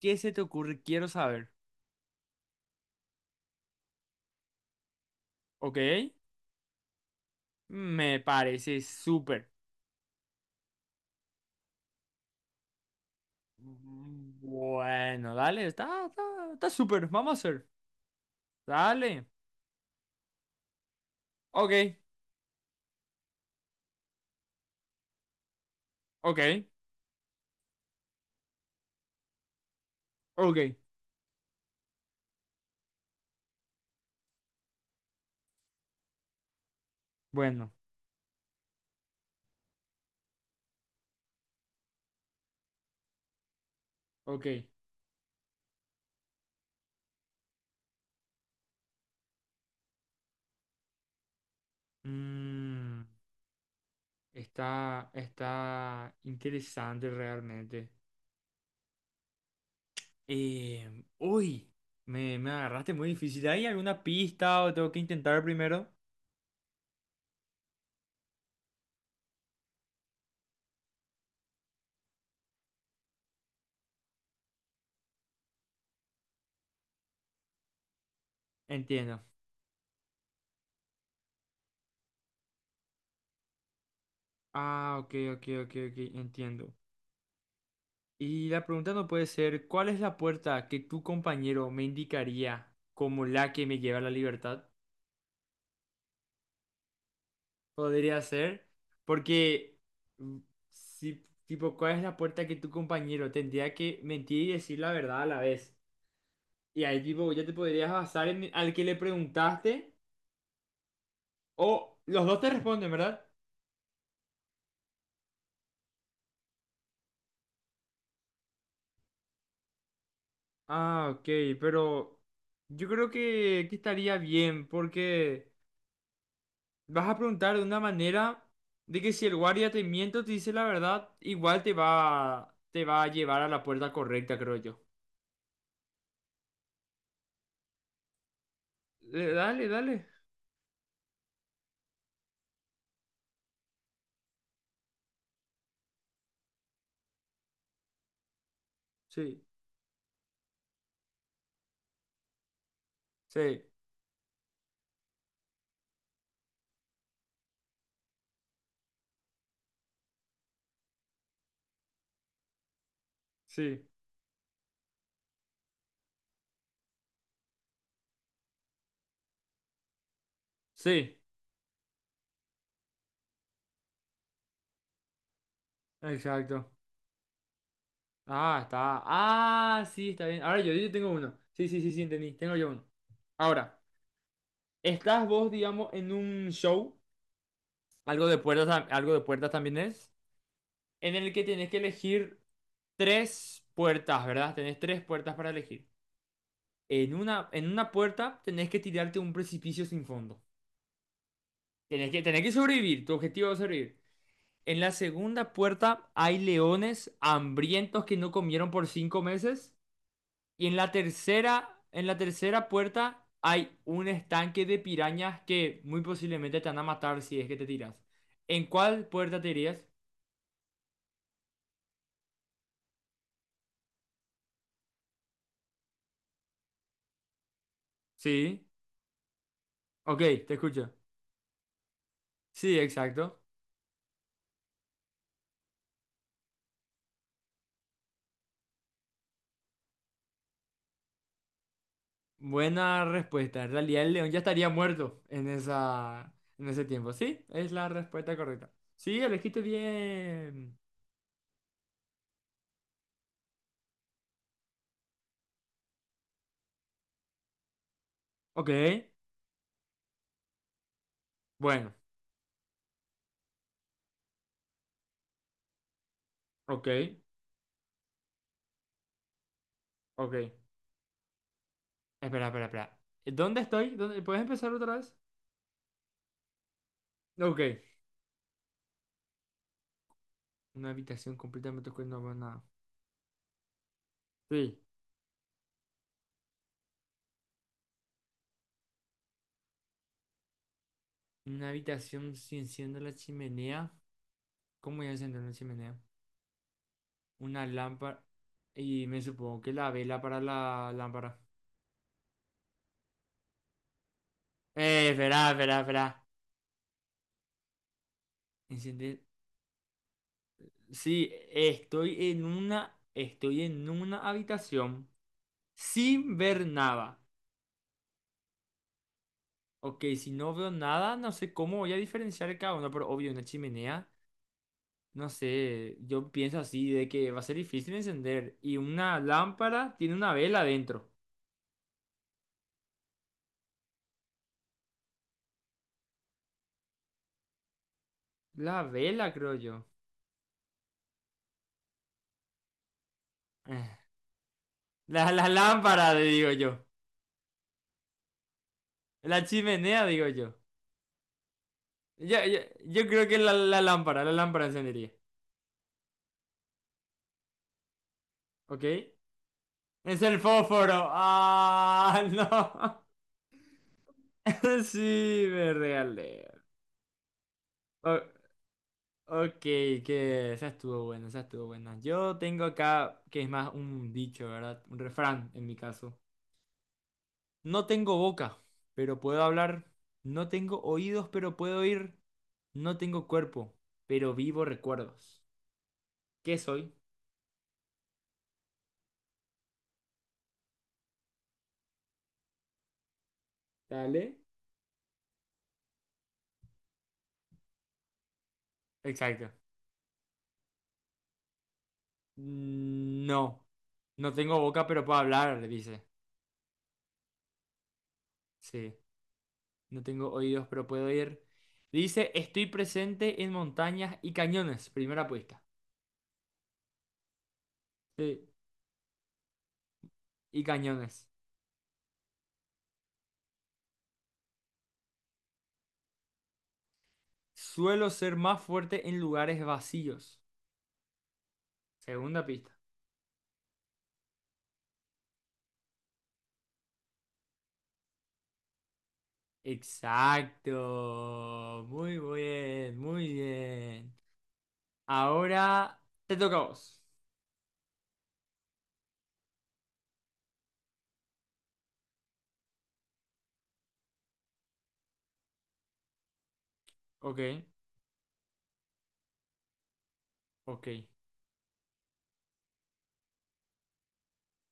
¿Qué se te ocurre? Quiero saber. ¿Ok? Me parece súper. Bueno, dale, está súper. Vamos a hacer. Dale. Ok, ok, ok. Bueno, ok. Mm, está interesante realmente. Uy, me agarraste muy difícil. ¿Hay alguna pista o tengo que intentar primero? Entiendo. Ah, ok, ok, ok, ok, entiendo. Y la pregunta no puede ser, ¿cuál es la puerta que tu compañero me indicaría como la que me lleva a la libertad? Podría ser, porque mm, si, tipo, ¿cuál es la puerta que tu compañero tendría que mentir y decir la verdad a la vez? Y ahí, tipo, ya te podrías basar en al que le preguntaste o los dos te responden, ¿verdad? Ah, ok, pero yo creo que estaría bien porque vas a preguntar de una manera de que si el guardia te miente o te dice la verdad, igual te va a llevar a la puerta correcta, creo yo. Dale, dale. Sí, sí, sí, sí. Exacto. Ah, está. Ah, sí, está bien. Ahora yo tengo uno. Sí, sí, sí, sí, entendí. Tengo yo uno. Ahora, estás vos, digamos, en un show, algo de puertas, algo de puertas también es, en el que tenés que elegir tres puertas, ¿verdad? Tenés tres puertas para elegir. En una puerta tenés que tirarte un precipicio sin fondo. Tenés que sobrevivir, tu objetivo es sobrevivir. En la segunda puerta hay leones hambrientos que no comieron por 5 meses. Y en la tercera puerta hay un estanque de pirañas que muy posiblemente te van a matar si es que te tiras. ¿En cuál puerta te irías? Sí. Ok, te escucho. Sí, exacto. Buena respuesta. En realidad el león ya estaría muerto en esa, en ese tiempo. Sí, es la respuesta correcta. Sí, elegiste bien. Ok, bueno, ok, ok. Espera, espera, espera. ¿Dónde estoy? ¿Dónde- ¿Puedes empezar otra vez? Ok. Una habitación completamente oscura, no veo nada. Sí. Una habitación sin enciendo la chimenea. ¿Cómo voy a encender una chimenea? Una lámpara. Y me supongo que la vela para la lámpara. Espera, espera, espera. Enciende. Sí, estoy en una habitación sin ver nada. Ok, si no veo nada, no sé cómo voy a diferenciar cada uno, pero obvio, una chimenea, no sé, yo pienso así de que va a ser difícil encender. Y una lámpara tiene una vela dentro. La vela, creo yo. Eh, la lámpara, digo yo. La chimenea, digo yo. Yo, yo, yo creo que la lámpara encendería. ¿Ok? Es el fósforo. Ah, no. Sí, me regalé. O- ok, que esa estuvo buena, esa estuvo buena. Yo tengo acá, que es más un dicho, ¿verdad? Un refrán en mi caso. No tengo boca, pero puedo hablar. No tengo oídos, pero puedo oír. No tengo cuerpo, pero vivo recuerdos. ¿Qué soy? Dale. Exacto. Mm, no. No tengo boca, pero puedo hablar, le dice. Sí. No tengo oídos, pero puedo oír. Dice, estoy presente en montañas y cañones. Primera apuesta. Sí, y cañones. Suelo ser más fuerte en lugares vacíos. Segunda pista. Exacto. Muy bien, muy bien. Ahora te toca a vos. Ok, ok.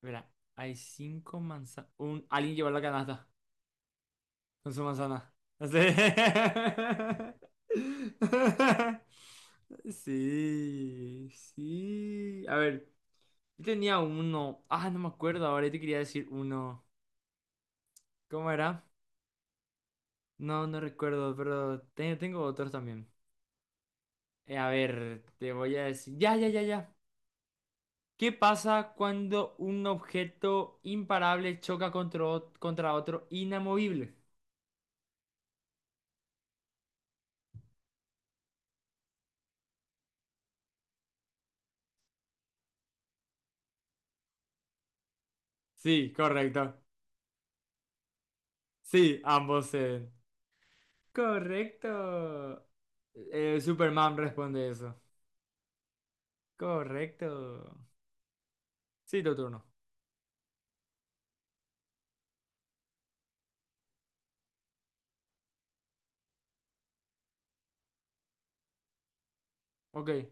Verá, hay 5 manzanas. Un... Alguien llevó la canasta con su manzana. Así. Sí, sí. A ver, yo tenía uno. Ah, no me acuerdo ahora. Yo te quería decir uno. ¿Cómo era? No, no recuerdo, pero tengo otros también. A ver, te voy a decir. Ya, ya, ya, ya. ¿Qué pasa cuando un objeto imparable choca contra, contra otro inamovible? Sí, correcto. Sí, ambos. Correcto. Superman responde eso. Correcto. Sí, tu turno. Ok,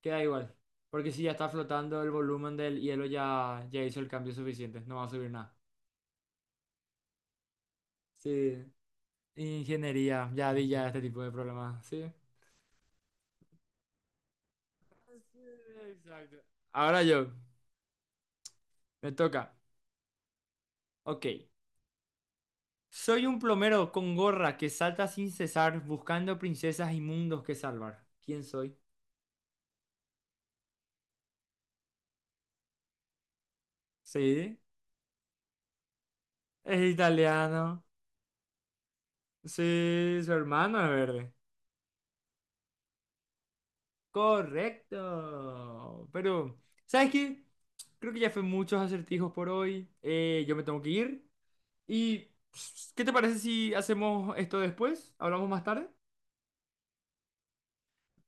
queda igual. Porque si ya está flotando el volumen del hielo, ya hizo el cambio suficiente. No va a subir nada. Sí. Ingeniería. Ya vi ya este tipo de problemas. Sí. Sí, exacto. Ahora yo. Me toca. Ok. Soy un plomero con gorra que salta sin cesar buscando princesas y mundos que salvar. ¿Quién soy? Sí. Es italiano. Sí, su hermano es verde. Correcto. Pero, ¿sabes qué? Creo que ya fue muchos acertijos por hoy. Yo me tengo que ir. ¿Y pss, qué te parece si hacemos esto después? ¿Hablamos más tarde?